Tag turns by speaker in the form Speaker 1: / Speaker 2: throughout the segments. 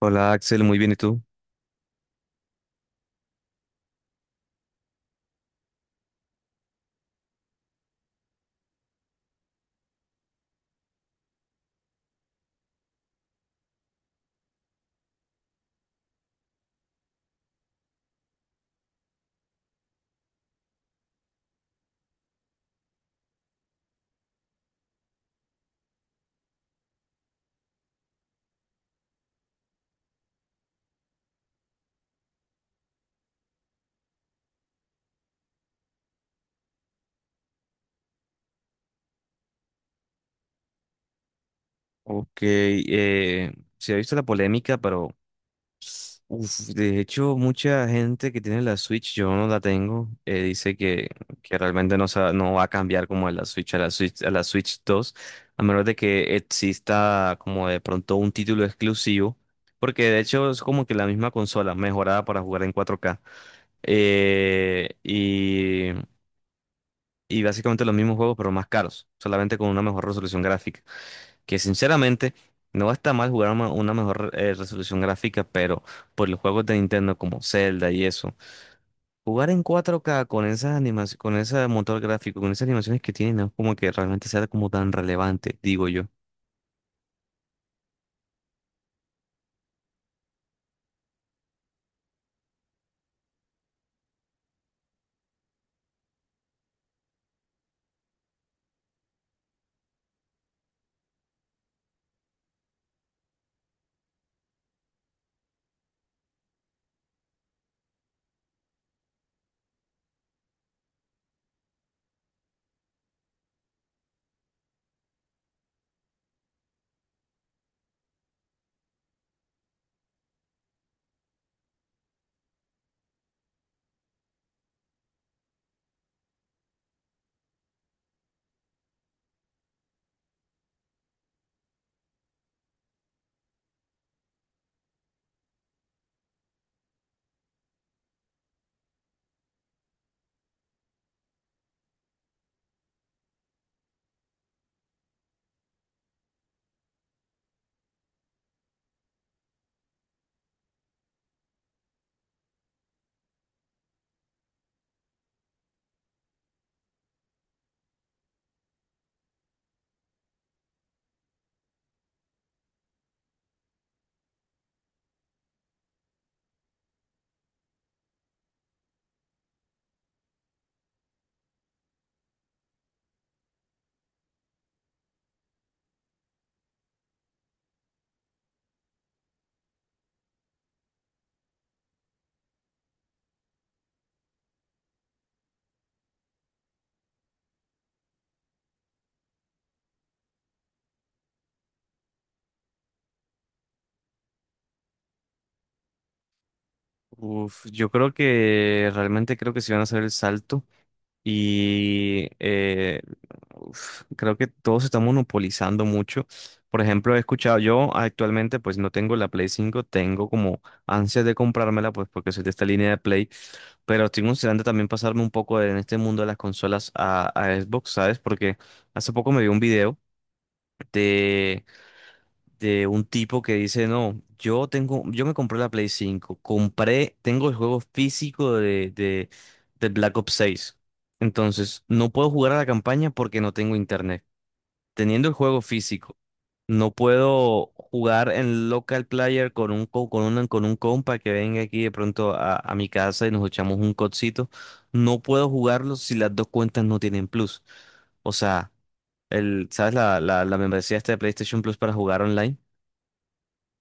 Speaker 1: Hola Axel, muy bien, ¿y tú? Ok, se ha visto la polémica, pero de hecho mucha gente que tiene la Switch, yo no la tengo, dice que realmente no, no va a cambiar como de la Switch, a la Switch 2, a menos de que exista como de pronto un título exclusivo, porque de hecho es como que la misma consola mejorada para jugar en 4K. eh, y, y básicamente los mismos juegos, pero más caros, solamente con una mejor resolución gráfica. Que sinceramente no está mal jugar una mejor resolución gráfica, pero por los juegos de Nintendo como Zelda y eso, jugar en 4K con esas animaciones, con ese motor gráfico, con esas animaciones que tiene, no es como que realmente sea como tan relevante, digo yo. Yo creo que realmente creo que si van a hacer el salto. Y creo que todo se está monopolizando mucho. Por ejemplo, he escuchado, yo actualmente pues no tengo la Play 5, tengo como ansias de comprármela pues porque soy de esta línea de Play, pero estoy considerando también pasarme un poco en este mundo de las consolas a Xbox, ¿sabes? Porque hace poco me vi un video de un tipo que dice, no, yo tengo, yo me compré la Play 5, compré, tengo el juego físico de Black Ops 6. Entonces, no puedo jugar a la campaña porque no tengo internet. Teniendo el juego físico, no puedo jugar en local player con un, con un compa que venga aquí de pronto a mi casa y nos echamos un codcito. No puedo jugarlo si las dos cuentas no tienen plus. O sea, ¿sabes la membresía esta de PlayStation Plus para jugar online?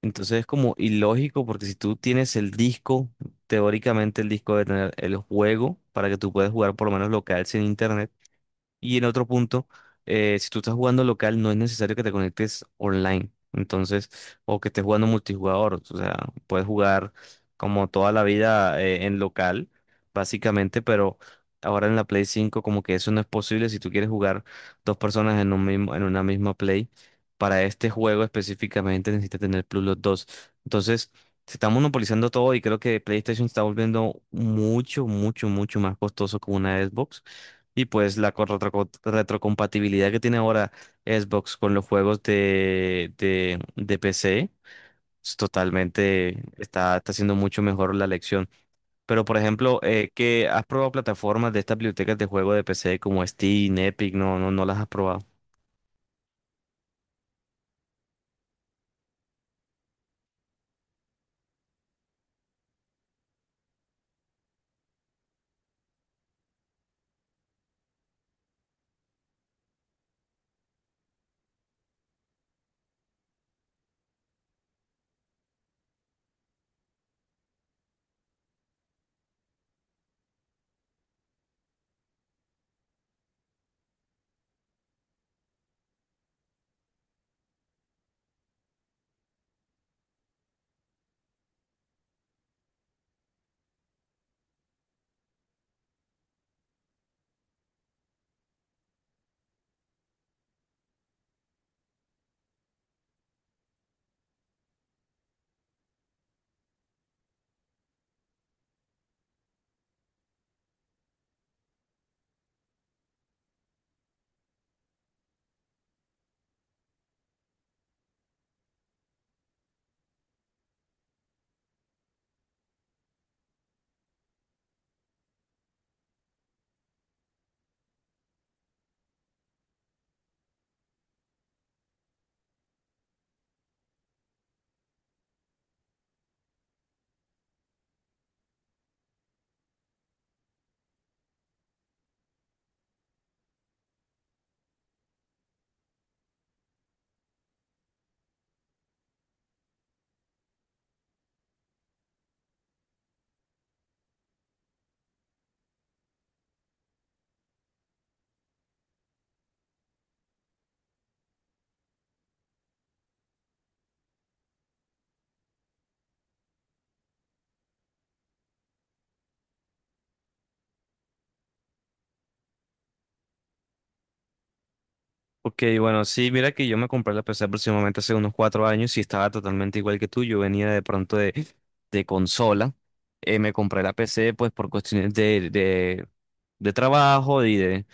Speaker 1: Entonces es como ilógico porque si tú tienes el disco, teóricamente el disco debe tener el juego para que tú puedas jugar por lo menos local sin internet. Y en otro punto, si tú estás jugando local, no es necesario que te conectes online. Entonces, o que estés jugando multijugador. O sea, puedes jugar como toda la vida en local, básicamente, pero ahora en la Play 5 como que eso no es posible si tú quieres jugar dos personas en un mismo, en una misma Play. Para este juego específicamente necesitas tener Plus los dos. Entonces, se está monopolizando todo y creo que PlayStation está volviendo mucho, mucho, mucho más costoso que una Xbox. Y pues la retrocompatibilidad que tiene ahora Xbox con los juegos de PC es totalmente está haciendo mucho mejor la elección. Pero por ejemplo, que has probado plataformas de estas bibliotecas de juego de PC como Steam, Epic, no, no, no las has probado. Ok, bueno, sí, mira que yo me compré la PC aproximadamente hace unos 4 años y estaba totalmente igual que tú. Yo venía de pronto de consola. Me compré la PC pues por cuestiones de trabajo y de,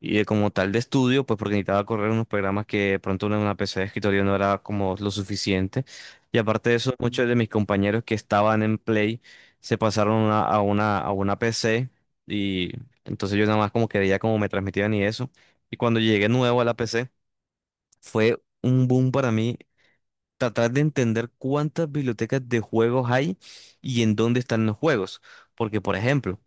Speaker 1: Y de como tal de estudio, pues porque necesitaba correr unos programas que de pronto en una PC de escritorio no era como lo suficiente. Y aparte de eso, muchos de mis compañeros que estaban en Play se pasaron a una PC y entonces yo nada más como que veía cómo me transmitían y eso. Y cuando llegué nuevo a la PC, fue un boom para mí tratar de entender cuántas bibliotecas de juegos hay y en dónde están los juegos. Porque, por ejemplo,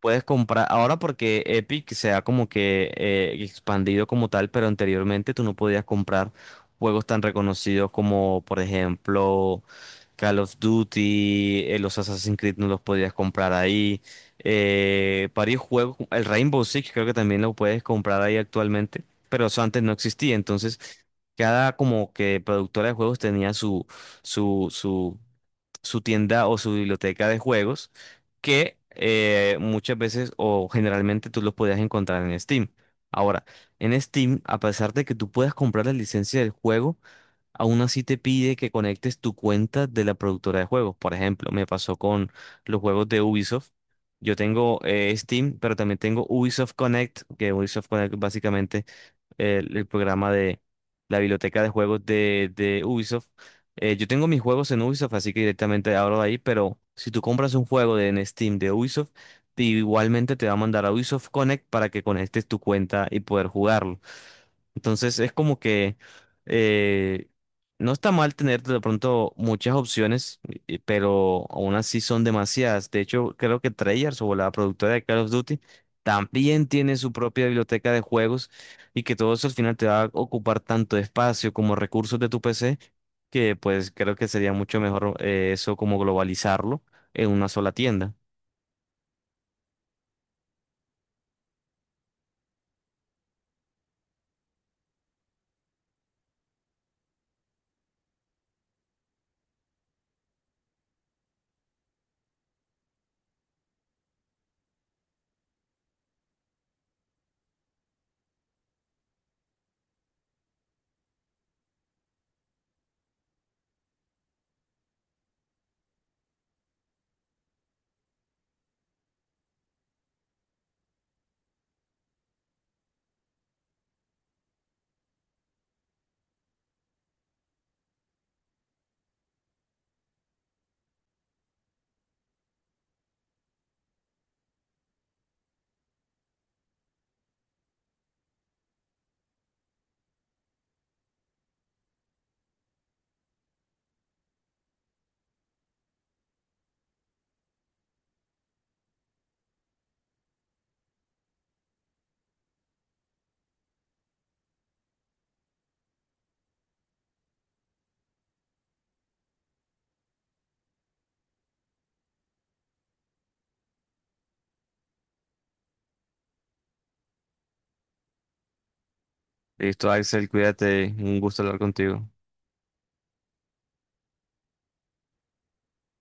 Speaker 1: puedes comprar ahora porque Epic se ha como que expandido como tal, pero anteriormente tú no podías comprar juegos tan reconocidos como, por ejemplo, Call of Duty, los Assassin's Creed no los podías comprar ahí. Varios juegos, el Rainbow Six creo que también lo puedes comprar ahí actualmente, pero eso antes no existía. Entonces, cada como que productora de juegos tenía su, su su tienda o su biblioteca de juegos que muchas veces o generalmente tú los podías encontrar en Steam. Ahora, en Steam, a pesar de que tú puedas comprar la licencia del juego, aún así te pide que conectes tu cuenta de la productora de juegos. Por ejemplo, me pasó con los juegos de Ubisoft. Yo tengo Steam, pero también tengo Ubisoft Connect, que Ubisoft Connect básicamente el programa de la biblioteca de juegos de Ubisoft. Yo tengo mis juegos en Ubisoft, así que directamente abro de ahí, pero si tú compras un juego en Steam de Ubisoft, igualmente te va a mandar a Ubisoft Connect para que conectes tu cuenta y poder jugarlo. Entonces es como que eh, no está mal tener de pronto muchas opciones, pero aún así son demasiadas. De hecho, creo que Treyarch o la productora de Call of Duty también tiene su propia biblioteca de juegos y que todo eso al final te va a ocupar tanto espacio como recursos de tu PC, que pues creo que sería mucho mejor eso como globalizarlo en una sola tienda. Listo, Axel, cuídate, un gusto hablar contigo.